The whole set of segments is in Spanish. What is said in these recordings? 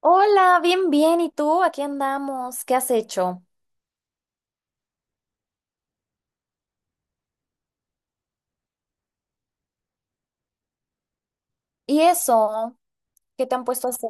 Hola, bien, bien. ¿Y tú? Aquí andamos. ¿Qué has hecho? ¿Y eso? ¿Qué te han puesto a hacer?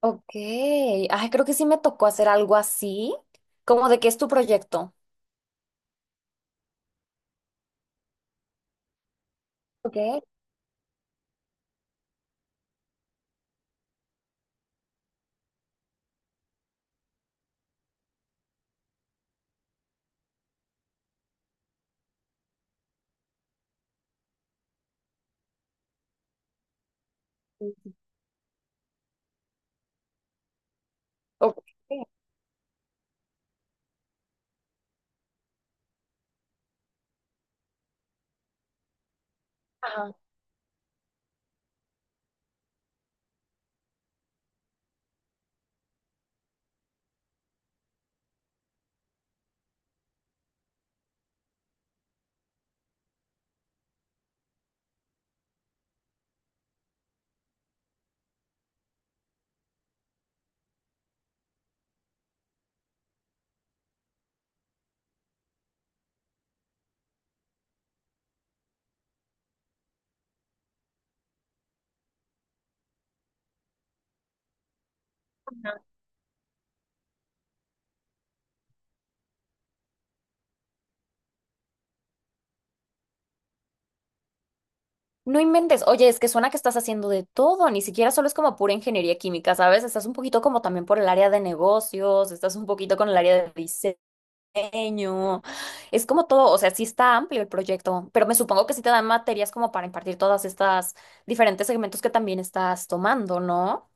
Ok. Ay, creo que sí me tocó hacer algo así. ¿Cómo de qué es tu proyecto? Ok. Ok. Ajá. No inventes. Oye, es que suena que estás haciendo de todo. Ni siquiera solo es como pura ingeniería química, ¿sabes? Estás un poquito como también por el área de negocios, estás un poquito con el área de diseño. Es como todo, o sea, sí está amplio el proyecto, pero me supongo que sí te dan materias como para impartir todas estas diferentes segmentos que también estás tomando, ¿no?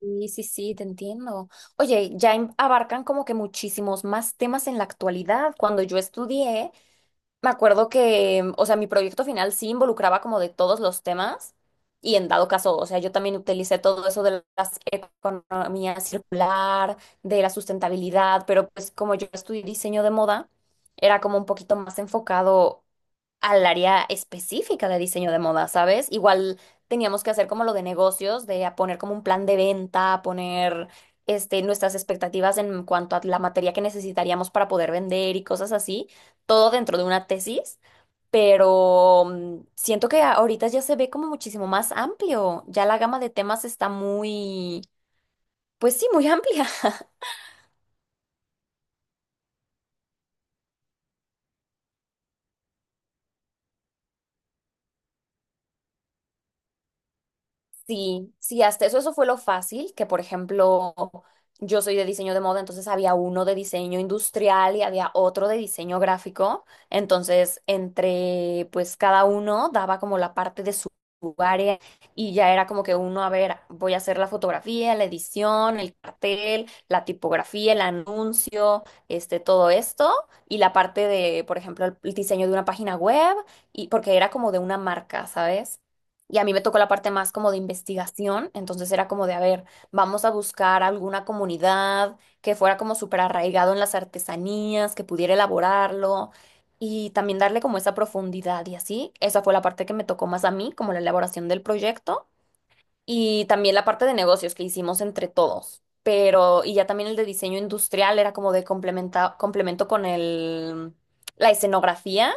Sí, sí, sí, te entiendo. Oye, abarcan como que muchísimos más temas en la actualidad. Cuando yo estudié, me acuerdo que, o sea, mi proyecto final sí involucraba como de todos los temas y en dado caso, o sea, yo también utilicé todo eso de las economía circular, de la sustentabilidad, pero pues como yo estudié diseño de moda, era como un poquito más enfocado al área específica de diseño de moda, ¿sabes? Igual teníamos que hacer como lo de negocios, de a poner como un plan de venta, a poner este, nuestras expectativas en cuanto a la materia que necesitaríamos para poder vender y cosas así, todo dentro de una tesis, pero siento que ahorita ya se ve como muchísimo más amplio, ya la gama de temas está muy, pues sí, muy amplia. Sí, sí, hasta eso, eso fue lo fácil, que por ejemplo, yo soy de diseño de moda, entonces había uno de diseño industrial y había otro de diseño gráfico, entonces entre pues cada uno daba como la parte de su área y ya era como que uno, a ver, voy a hacer la fotografía, la edición, el cartel, la tipografía, el anuncio, este, todo esto y la parte de, por ejemplo, el diseño de una página web y porque era como de una marca, ¿sabes? Y a mí me tocó la parte más como de investigación, entonces era como de, a ver, vamos a buscar alguna comunidad que fuera como súper arraigado en las artesanías, que pudiera elaborarlo y también darle como esa profundidad y así. Esa fue la parte que me tocó más a mí, como la elaboración del proyecto. Y también la parte de negocios que hicimos entre todos. Pero, y ya también el de diseño industrial era como de complementa, complemento con el, la escenografía,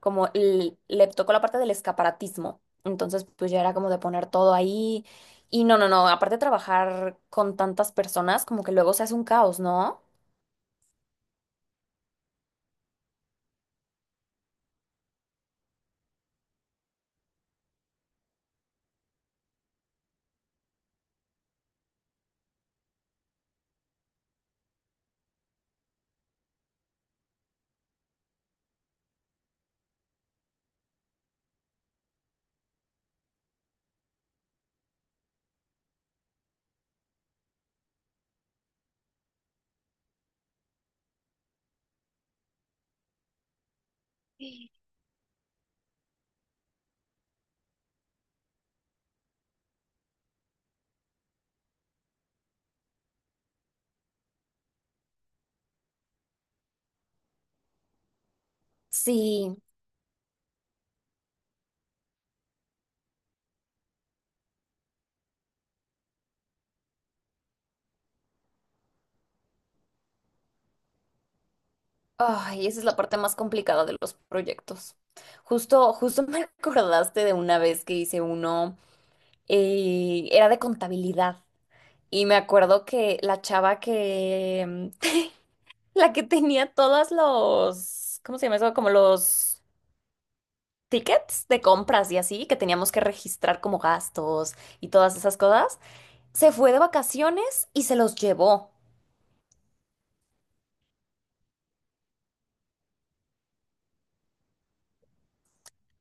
como le tocó la parte del escaparatismo. Entonces, pues ya era como de poner todo ahí. Y no, no, no, aparte de trabajar con tantas personas, como que luego se hace un caos, ¿no? Sí. Ay, esa es la parte más complicada de los proyectos. Justo, justo me acordaste de una vez que hice uno, era de contabilidad. Y me acuerdo que la que tenía todos los, ¿cómo se llama eso? Como los tickets de compras y así, que teníamos que registrar como gastos y todas esas cosas, se fue de vacaciones y se los llevó.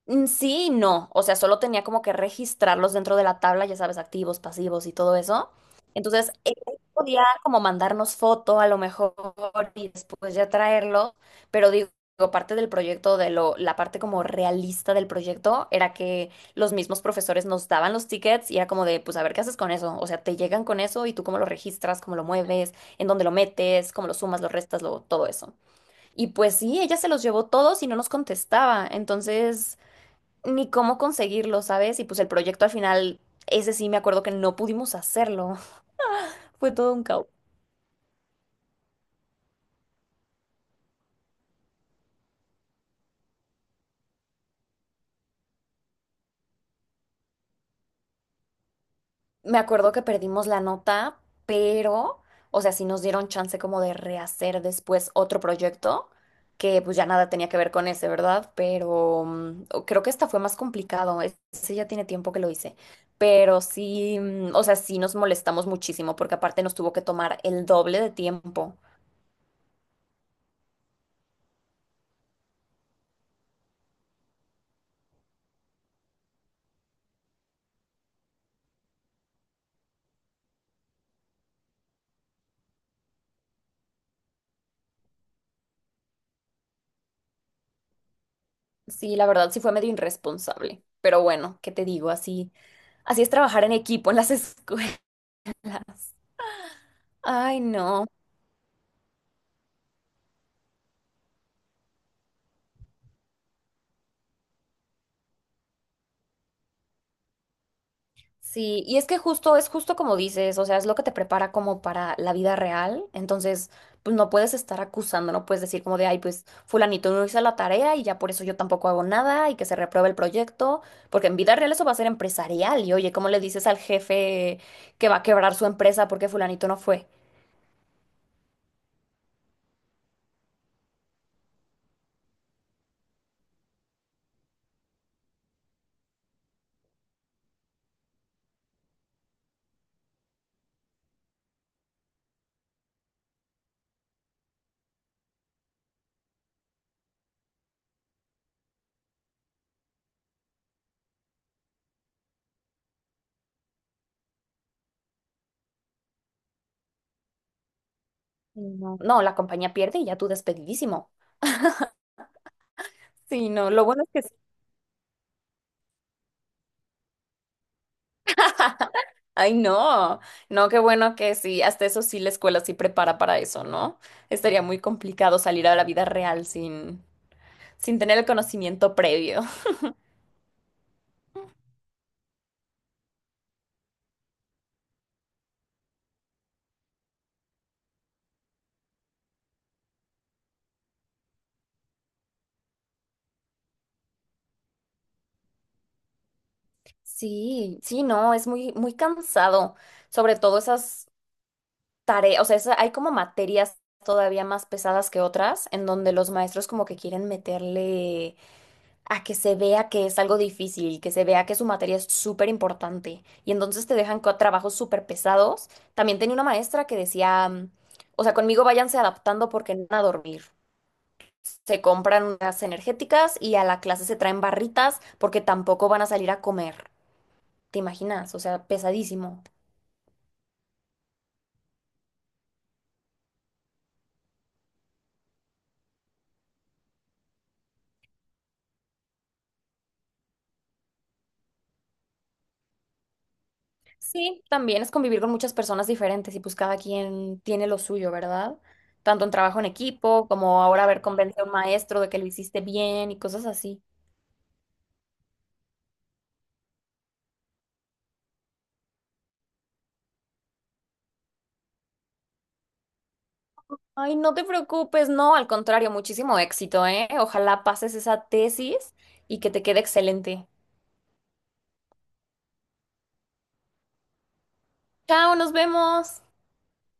Sí y no, o sea, solo tenía como que registrarlos dentro de la tabla, ya sabes, activos, pasivos y todo eso. Entonces, él podía como mandarnos foto a lo mejor y después ya traerlo, pero digo, parte del proyecto, de lo, la parte como realista del proyecto era que los mismos profesores nos daban los tickets y era como de, pues a ver qué haces con eso, o sea, te llegan con eso y tú cómo lo registras, cómo lo mueves, en dónde lo metes, cómo lo sumas, lo restas, lo, todo eso. Y pues sí, ella se los llevó todos y no nos contestaba, entonces ni cómo conseguirlo, ¿sabes? Y pues el proyecto al final, ese sí me acuerdo que no pudimos hacerlo. Fue todo un caos. Me acuerdo que perdimos la nota, pero, o sea, sí nos dieron chance como de rehacer después otro proyecto, que pues ya nada tenía que ver con ese, ¿verdad? Pero creo que esta fue más complicado. Ese ya tiene tiempo que lo hice. Pero sí, o sea, sí nos molestamos muchísimo porque aparte nos tuvo que tomar el doble de tiempo. Sí, la verdad sí fue medio irresponsable. Pero bueno, ¿qué te digo? Así. Así es trabajar en equipo en las escuelas. Ay, no. Sí, y es que justo, es justo como dices, o sea, es lo que te prepara como para la vida real. Entonces, pues no puedes estar acusando, no puedes decir como de, ay, pues fulanito no hizo la tarea y ya por eso yo tampoco hago nada y que se repruebe el proyecto, porque en vida real eso va a ser empresarial. Y oye, ¿cómo le dices al jefe que va a quebrar su empresa porque fulanito no fue? Sí, no. No, la compañía pierde y ya tú despedidísimo. Sí, no, lo bueno es que ay, no, no, qué bueno que sí, hasta eso sí la escuela sí prepara para eso, ¿no? Estaría muy complicado salir a la vida real sin, sin tener el conocimiento previo. Sí, sí, no, es muy, muy cansado, sobre todo esas tareas, o sea, hay como materias todavía más pesadas que otras en donde los maestros como que quieren meterle a que se vea que es algo difícil, que se vea que su materia es súper importante y entonces te dejan trabajos súper pesados. También tenía una maestra que decía, o sea, conmigo váyanse adaptando porque no van a dormir. Se compran unas energéticas y a la clase se traen barritas porque tampoco van a salir a comer. ¿Te imaginas? O sea, pesadísimo. Sí, también es convivir con muchas personas diferentes y pues cada quien tiene lo suyo, ¿verdad? Tanto en trabajo en equipo como ahora ver convence a un maestro de que lo hiciste bien y cosas así. Ay, no te preocupes, no, al contrario, muchísimo éxito, ¿eh? Ojalá pases esa tesis y que te quede excelente. Chao, nos vemos.